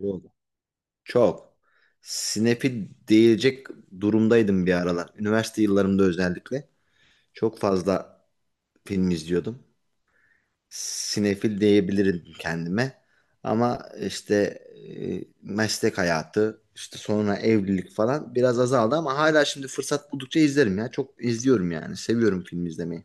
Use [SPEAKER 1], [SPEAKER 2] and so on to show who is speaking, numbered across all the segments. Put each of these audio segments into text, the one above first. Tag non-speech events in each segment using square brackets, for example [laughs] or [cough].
[SPEAKER 1] Yok. Çok. Snap'i diyecek durumdaydım bir aralar. Üniversite yıllarımda özellikle. Çok fazla film izliyordum. Sinefil diyebilirim kendime. Ama işte meslek hayatı, işte sonra evlilik falan biraz azaldı ama hala şimdi fırsat buldukça izlerim ya. Çok izliyorum yani. Seviyorum film izlemeyi.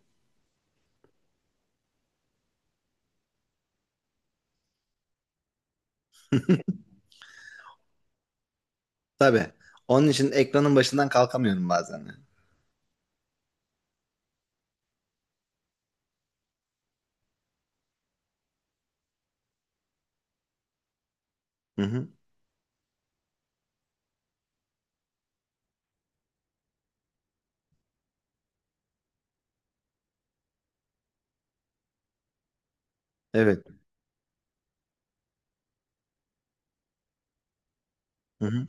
[SPEAKER 1] Tabii. Onun için ekranın başından kalkamıyorum bazen, yani. Hı hı. Evet. Hı hı.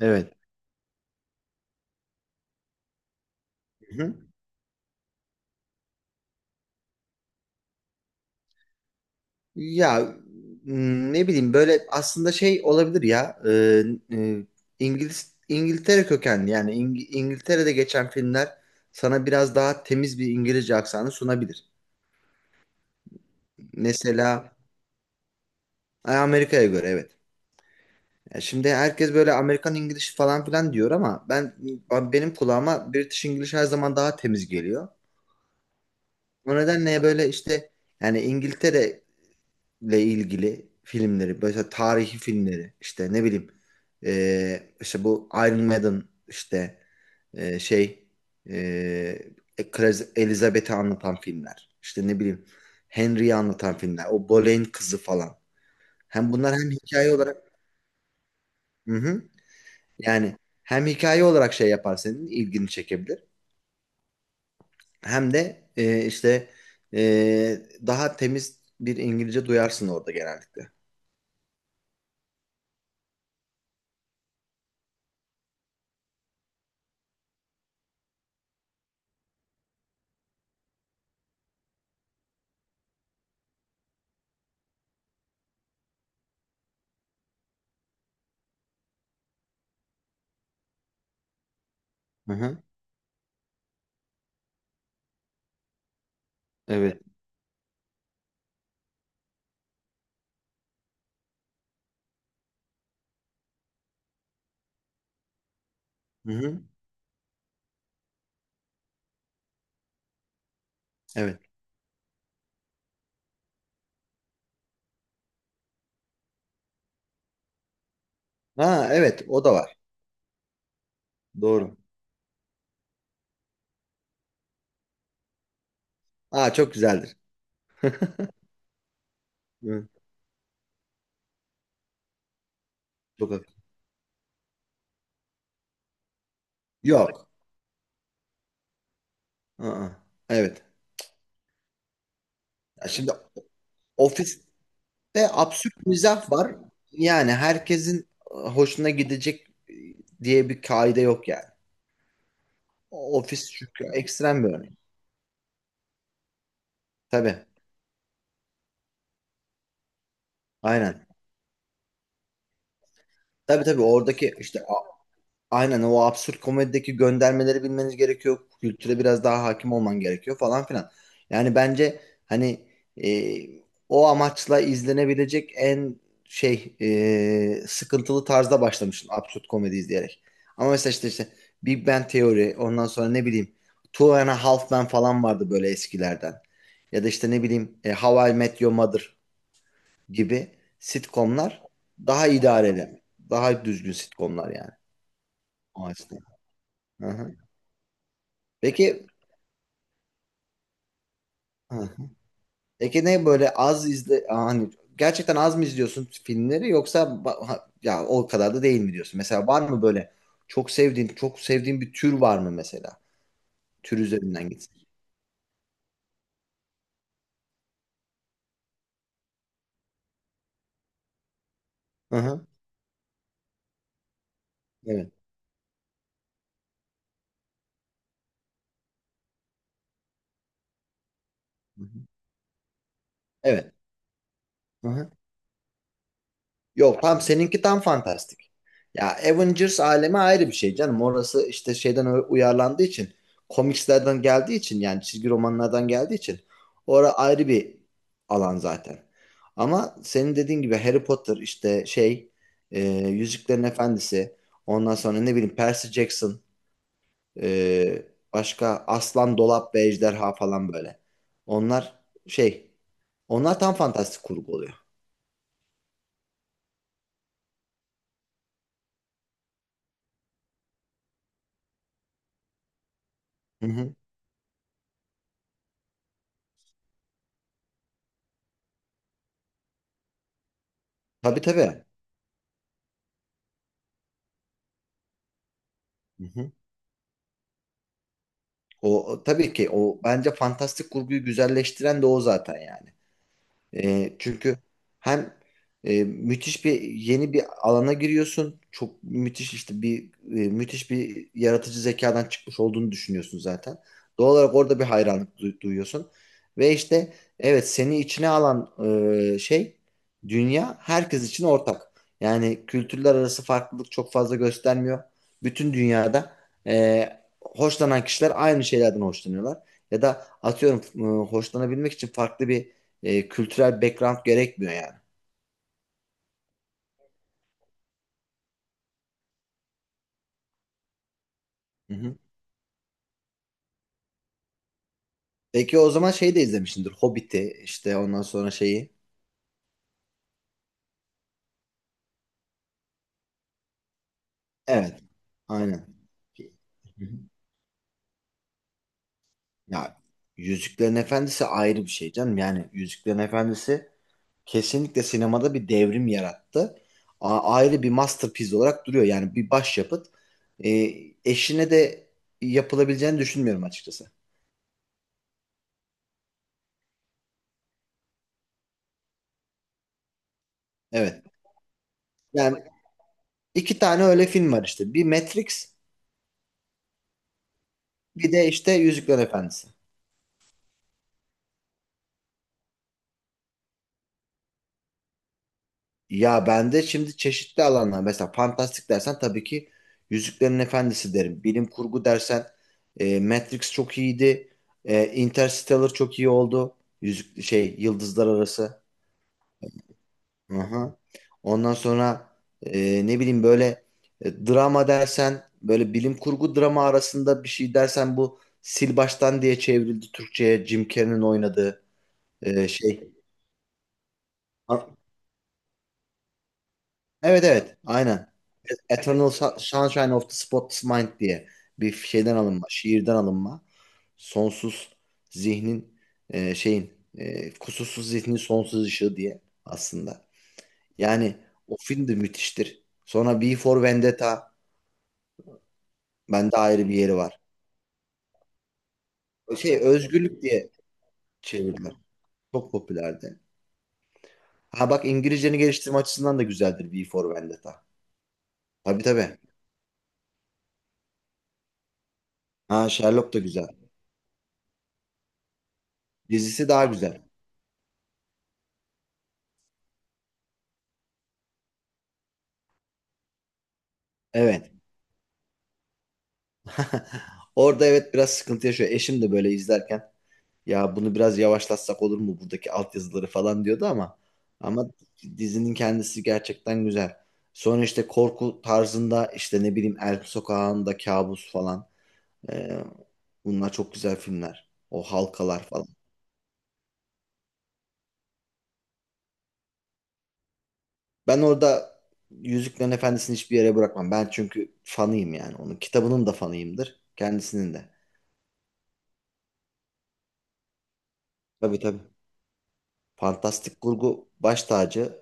[SPEAKER 1] Evet. Hı hı. Ya ne bileyim böyle aslında şey olabilir ya e, İngiliz İngiltere'de geçen filmler sana biraz daha temiz bir İngilizce aksanı sunabilir. Mesela Amerika'ya göre, evet. Ya şimdi herkes böyle Amerikan İngiliz falan filan diyor ama benim kulağıma British İngiliz her zaman daha temiz geliyor. O nedenle böyle işte yani İngiltere ilgili filmleri, mesela tarihi filmleri, işte ne bileyim, işte bu Iron Maiden, işte e, şey, Elizabeth'i anlatan filmler, işte ne bileyim, Henry'i anlatan filmler, o Boleyn kızı falan. Hem bunlar hem hikaye olarak, hı hı, yani hem hikaye olarak şey yapar, senin ilgini çekebilir, hem de işte e, daha temiz bir İngilizce duyarsın orada genellikle. Hı hı, evet. Hı hı, evet. Ha evet, o da var. Doğru. Aa, çok güzeldir. [laughs] Evet. Çok haklı. Yok. Aa, evet. Ya şimdi ofiste absürt mizah var. Yani herkesin hoşuna gidecek diye bir kaide yok yani. Ofis çünkü ekstrem bir örnek. Tabii. Aynen. Tabii tabii, oradaki işte aynen o absürt komedideki göndermeleri bilmeniz gerekiyor. Kültüre biraz daha hakim olman gerekiyor falan filan. Yani bence hani e, o amaçla izlenebilecek en şey, sıkıntılı tarzda başlamıştım absürt komedi izleyerek. Ama mesela işte Big Bang Theory, ondan sonra ne bileyim Two and a Half Men falan vardı böyle eskilerden. Ya da işte ne bileyim How I Met Your Mother gibi sitcomlar daha idareli. Daha düzgün sitcomlar yani. O açıdan. Hı hı. Peki ha. Peki ne böyle az izle hani gerçekten az mı izliyorsun filmleri yoksa ya o kadar da değil mi diyorsun? Mesela var mı böyle çok sevdiğin bir tür var mı mesela? Tür üzerinden gitsin. Hı hı. Evet. Hı hı. Evet. Hı hı. Yok, tam seninki tam fantastik. Ya Avengers alemi ayrı bir şey canım. Orası işte şeyden uyarlandığı için, komikslerden geldiği için, yani çizgi romanlardan geldiği için orası ayrı bir alan zaten. Ama senin dediğin gibi Harry Potter, işte şey, e, Yüzüklerin Efendisi, ondan sonra ne bileyim Percy Jackson, e, başka Aslan Dolap ve Ejderha falan böyle. Onlar şey onlar tam fantastik kurgu oluyor. Hı hı. Tabii tabii. Hı hı. O, o tabii ki o bence fantastik kurguyu güzelleştiren de o zaten yani. Çünkü hem müthiş bir yeni bir alana giriyorsun. Çok müthiş işte bir müthiş bir yaratıcı zekadan çıkmış olduğunu düşünüyorsun zaten. Doğal olarak orada bir hayranlık duyuyorsun. Ve işte evet, seni içine alan e, şey dünya herkes için ortak. Yani kültürler arası farklılık çok fazla göstermiyor. Bütün dünyada e, hoşlanan kişiler aynı şeylerden hoşlanıyorlar. Ya da atıyorum, hoşlanabilmek için farklı bir kültürel background gerekmiyor yani. Hı hı. Peki o zaman şeyi de izlemişsindir. Hobbit'i, işte ondan sonra şeyi. Evet. Aynen. Hı hı. Ya Yüzüklerin Efendisi ayrı bir şey canım. Yani Yüzüklerin Efendisi kesinlikle sinemada bir devrim yarattı. Ayrı bir masterpiece olarak duruyor. Yani bir başyapıt. E, Eşine de yapılabileceğini düşünmüyorum açıkçası. Evet. Yani iki tane öyle film var işte. Bir Matrix, bir de işte Yüzüklerin Efendisi. Ya ben de şimdi çeşitli alanlar, mesela fantastik dersen tabii ki Yüzüklerin Efendisi derim. Bilim kurgu dersen Matrix çok iyiydi. Interstellar çok iyi oldu. Yüzük şey Yıldızlar Arası. Hı. Ondan sonra ne bileyim böyle, drama dersen böyle bilim kurgu drama arasında bir şey dersen, bu Sil Baştan diye çevrildi Türkçe'ye, Jim Carrey'nin oynadığı şey. A- Evet, evet aynen. Eternal Sunshine of the Spotless Mind diye bir şeyden alınma, şiirden alınma. Sonsuz zihnin, kusursuz zihnin sonsuz ışığı diye aslında. Yani o film de müthiştir. Sonra V for Vendetta bende ayrı bir yeri var. Şey özgürlük diye çevirdiler. Çok popülerdi. Ha bak, İngilizceni geliştirme açısından da güzeldir V for Vendetta. Tabii tabii. Ha, Sherlock da güzel. Dizisi daha güzel. Evet. [laughs] Orada evet, biraz sıkıntı yaşıyor. Eşim de böyle izlerken, ya bunu biraz yavaşlatsak olur mu, buradaki altyazıları falan diyordu ama ama dizinin kendisi gerçekten güzel. Sonra işte korku tarzında işte ne bileyim El Sokağı'nda Kabus falan. Ee, bunlar çok güzel filmler. O halkalar falan. Ben orada Yüzüklerin Efendisi'ni hiçbir yere bırakmam. Ben çünkü fanıyım yani onun. Kitabının da fanıyımdır. Kendisinin de. Tabii tabii. Fantastik kurgu baş tacı.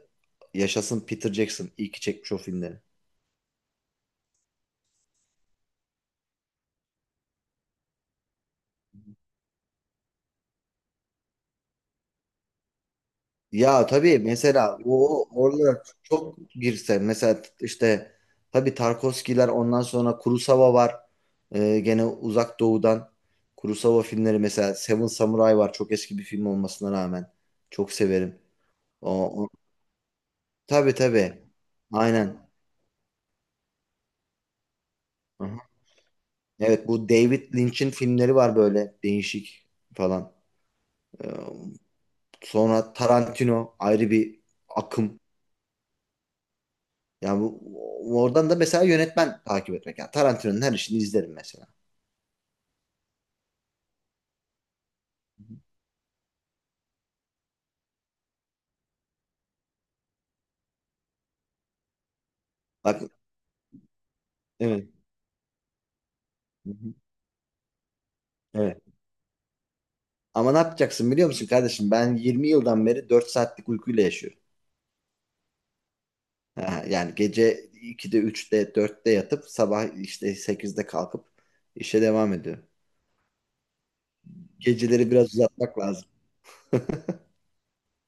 [SPEAKER 1] Yaşasın Peter Jackson. İyi ki çekmiş o filmleri. Ya tabii mesela o, orada çok girsen mesela işte tabii Tarkovskiler, ondan sonra Kurosawa var. Gene Uzak Doğu'dan Kurosawa filmleri, mesela Seven Samurai var. Çok eski bir film olmasına rağmen çok severim. O, o- tabii tabii. Aynen. Aha. Evet, bu David Lynch'in filmleri var böyle değişik falan. Ee, Sonra Tarantino ayrı bir akım. Yani oradan da mesela yönetmen takip etmek. Yani Tarantino'nun her işini izlerim mesela. Bak evet. Hı hı. Evet. Ama ne yapacaksın biliyor musun kardeşim? Ben 20 yıldan beri 4 saatlik uykuyla yaşıyorum. Ha, yani gece 2'de, 3'te, 4'te yatıp sabah işte 8'de kalkıp işe devam ediyorum. Geceleri biraz uzatmak lazım.